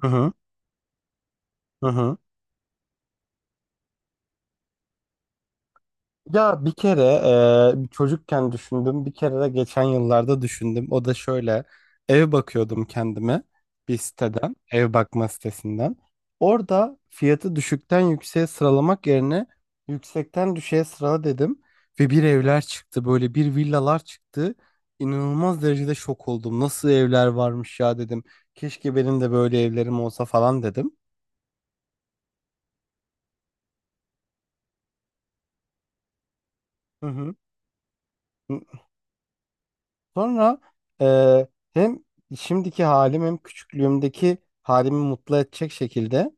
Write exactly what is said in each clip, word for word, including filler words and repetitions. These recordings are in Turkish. Hı hı. Hı hı. Ya bir kere e, çocukken düşündüm, bir kere de geçen yıllarda düşündüm. O da şöyle, ev bakıyordum kendime bir siteden, ev bakma sitesinden. Orada fiyatı düşükten yükseğe sıralamak yerine yüksekten düşüğe sırala dedim. Ve bir evler çıktı, böyle bir villalar çıktı. İnanılmaz derecede şok oldum. Nasıl evler varmış ya dedim. Keşke benim de böyle evlerim olsa falan dedim. Hı hı. Sonra eee, hem şimdiki halim hem küçüklüğümdeki halimi mutlu edecek şekilde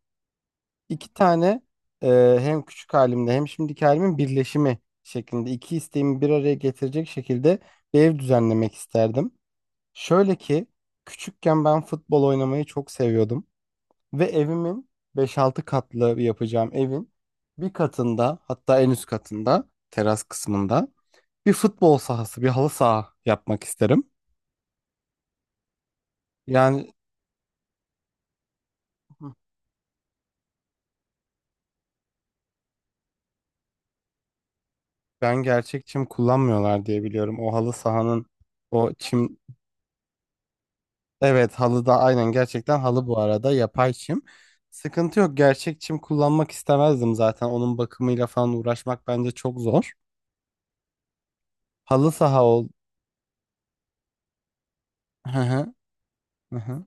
iki tane eee, hem küçük halimde hem şimdiki halimin birleşimi şeklinde iki isteğimi bir araya getirecek şekilde bir ev düzenlemek isterdim. Şöyle ki küçükken ben futbol oynamayı çok seviyordum ve evimin beş-altı katlı yapacağım evin bir katında, hatta en üst katında teras kısmında bir futbol sahası, bir halı saha yapmak isterim. Yani. Hı. Ben gerçek çim kullanmıyorlar diye biliyorum. O halı sahanın o çim, evet, halı da aynen, gerçekten halı bu arada, yapay çim. Sıkıntı yok. Gerçek çim kullanmak istemezdim zaten. Onun bakımıyla falan uğraşmak bence çok zor. Halı saha ol. Hı hı. Hı hı.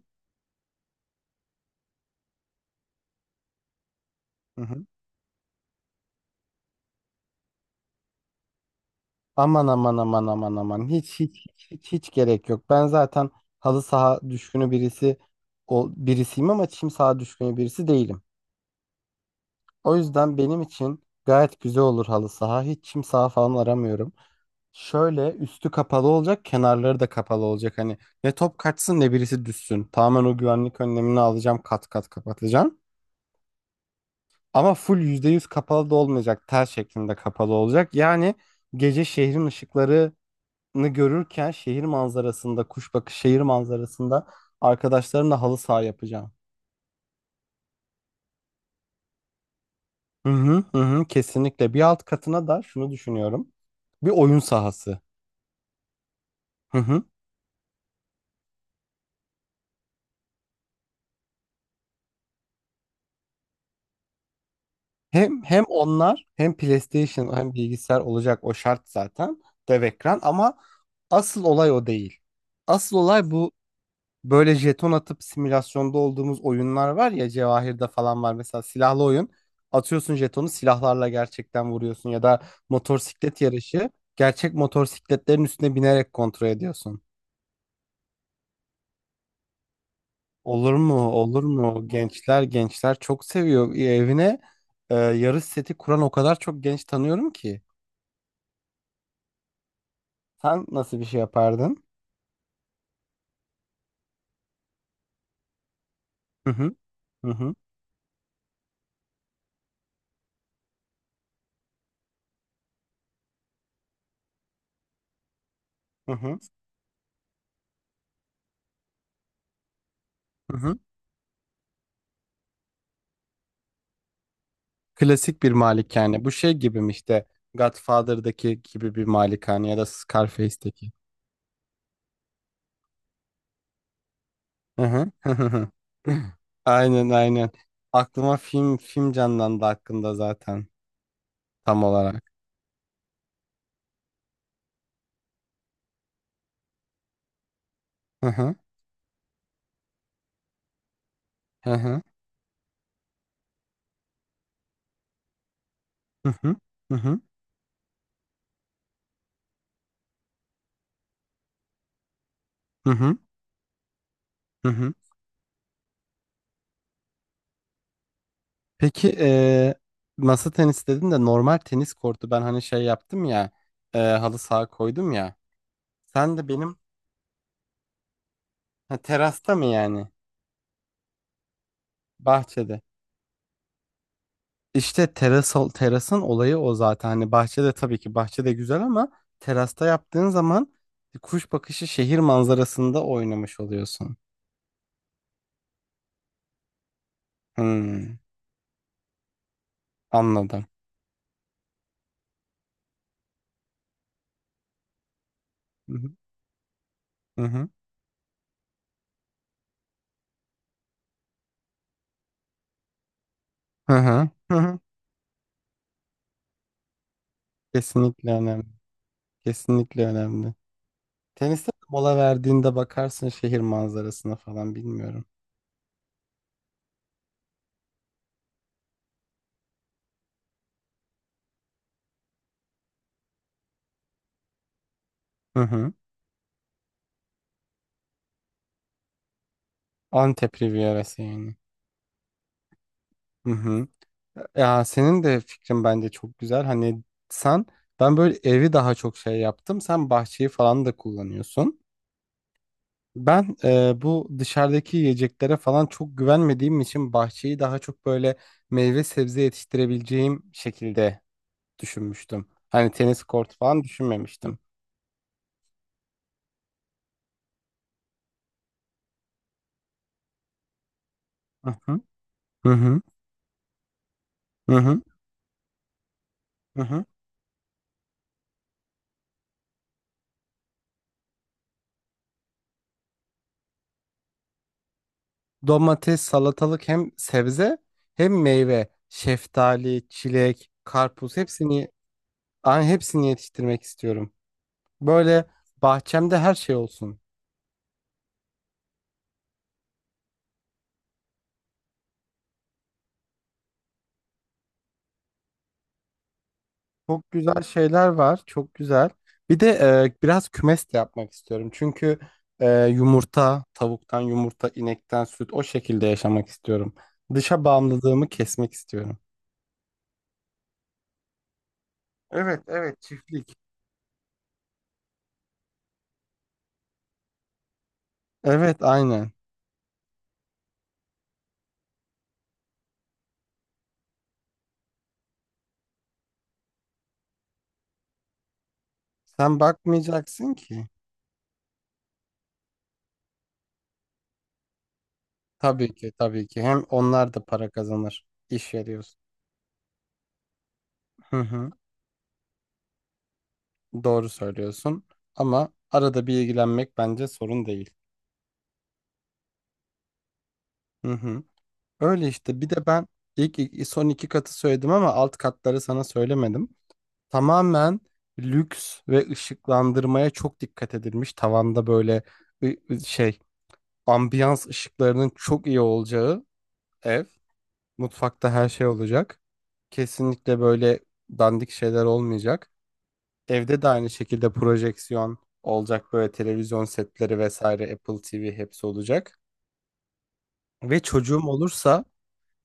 Hı hı. Aman aman aman aman aman. Hiç hiç hiç hiç hiç gerek yok. Ben zaten halı saha düşkünü birisi, o birisiyim, ama çim saha düşkünü birisi değilim. O yüzden benim için gayet güzel olur halı saha. Hiç çim saha falan aramıyorum. Şöyle üstü kapalı olacak, kenarları da kapalı olacak. Hani ne top kaçsın ne birisi düşsün. Tamamen o güvenlik önlemini alacağım, kat kat kapatacağım. Ama full yüzde yüz kapalı da olmayacak, tel şeklinde kapalı olacak. Yani gece şehrin ışıklarını görürken, şehir manzarasında, kuş bakışı şehir manzarasında arkadaşlarımla halı saha yapacağım. Hı hı hı hı, kesinlikle. Bir alt katına da şunu düşünüyorum. Bir oyun sahası. Hı hı. Hem hem onlar, hem PlayStation hem bilgisayar olacak, o şart zaten, dev ekran, ama asıl olay o değil. Asıl olay bu: böyle jeton atıp simülasyonda olduğumuz oyunlar var ya, Cevahir'de falan var mesela, silahlı oyun. Atıyorsun jetonu, silahlarla gerçekten vuruyorsun, ya da motosiklet yarışı, gerçek motosikletlerin üstüne binerek kontrol ediyorsun. Olur mu? Olur mu? Gençler gençler çok seviyor. Evine e, yarış seti kuran o kadar çok genç tanıyorum ki. Sen nasıl bir şey yapardın? Hı hı. Hı hı. Hı hı. Hı hı. Klasik bir malikane. Bu şey gibi mi işte, Godfather'daki gibi bir malikane, ya da Scarface'deki. Hı hı. Hı hı. Hı. Aynen aynen. Aklıma film film canlandı hakkında zaten, tam olarak. Hı hı. Hı hı. Hı hı. Hı hı. Hı hı. Hı hı. Peki eee, masa tenisi dedin de, normal tenis kortu ben hani şey yaptım ya, eee, halı saha koydum ya. Sen de benim, ha, terasta mı yani? Bahçede. İşte teras, ol- terasın olayı o zaten. Hani bahçede, tabii ki bahçede güzel, ama terasta yaptığın zaman kuş bakışı şehir manzarasında oynamış oluyorsun. Hmm, anladım. Hı hı. Hı hı. Hı hı. Hı hı. Kesinlikle önemli. Kesinlikle önemli. Teniste de mola verdiğinde bakarsın şehir manzarasına falan, bilmiyorum. Hı hı. Antep Rivierası yani. Hı hı. Ya senin de fikrin bence çok güzel. Hani sen ben böyle evi daha çok şey yaptım. Sen bahçeyi falan da kullanıyorsun. Ben e, bu dışarıdaki yiyeceklere falan çok güvenmediğim için bahçeyi daha çok böyle meyve sebze yetiştirebileceğim şekilde düşünmüştüm. Hani tenis kortu falan düşünmemiştim. Hı hı. Hı hı. Hı hı. Hı hı. Domates, salatalık, hem sebze hem meyve, şeftali, çilek, karpuz hepsini, ay, hepsini yetiştirmek istiyorum. Böyle bahçemde her şey olsun. Çok güzel şeyler var. Çok güzel. Bir de e, biraz kümes de yapmak istiyorum. Çünkü e, yumurta, tavuktan yumurta, inekten süt, o şekilde yaşamak istiyorum. Dışa bağımlılığımı kesmek istiyorum. Evet, evet, çiftlik. Evet, aynen. Sen bakmayacaksın ki. Tabii ki, tabii ki. Hem onlar da para kazanır. İş veriyorsun. Hı hı. Doğru söylüyorsun. Ama arada bir ilgilenmek bence sorun değil. Hı hı. Öyle işte. Bir de ben ilk ilk- son iki katı söyledim ama alt katları sana söylemedim. Tamamen lüks ve ışıklandırmaya çok dikkat edilmiş. Tavanda böyle ı- ı- şey ambiyans ışıklarının çok iyi olacağı ev. Mutfakta her şey olacak. Kesinlikle böyle dandik şeyler olmayacak. Evde de aynı şekilde projeksiyon olacak, böyle televizyon setleri vesaire, Apple T V, hepsi olacak. Ve çocuğum olursa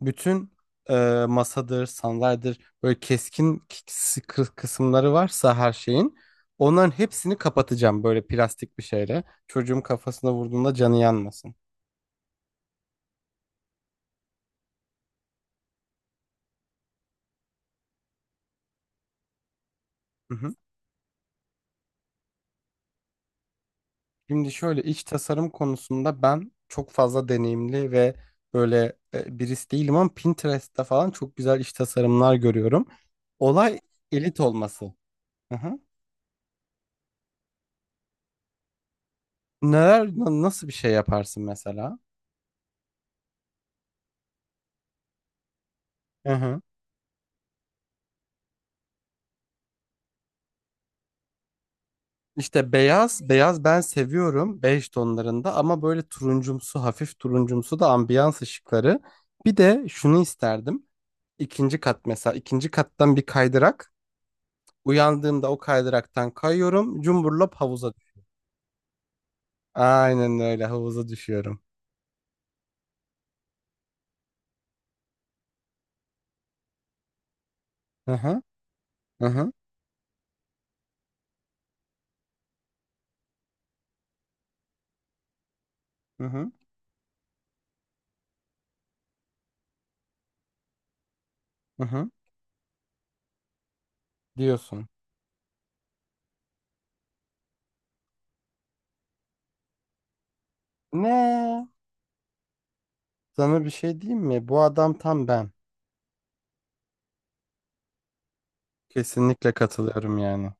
bütün e, masadır, sandalyedir, böyle keskin k- kı- kısımları varsa her şeyin, onların hepsini kapatacağım böyle plastik bir şeyle. Çocuğum kafasına vurduğunda canı yanmasın. Hı hı. Şimdi şöyle, iç tasarım konusunda ben çok fazla deneyimli ve böyle e, birisi değilim, ama Pinterest'te falan çok güzel iç tasarımlar görüyorum. Olay elit olması. Hı hı. Neler na- nasıl bir şey yaparsın mesela? Hı hı. İşte beyaz, beyaz ben seviyorum, bej tonlarında, ama böyle turuncumsu, hafif turuncumsu da ambiyans ışıkları. Bir de şunu isterdim. İkinci kat mesela, ikinci kattan bir kaydırak. Uyandığımda o kaydıraktan kayıyorum, cumburlop havuza. düş- Aynen öyle havuza düşüyorum. Hı hı, hı hı, hı hı, hı hı diyorsun. Ne? Sana bir şey diyeyim mi? Bu adam tam ben. Kesinlikle katılıyorum yani.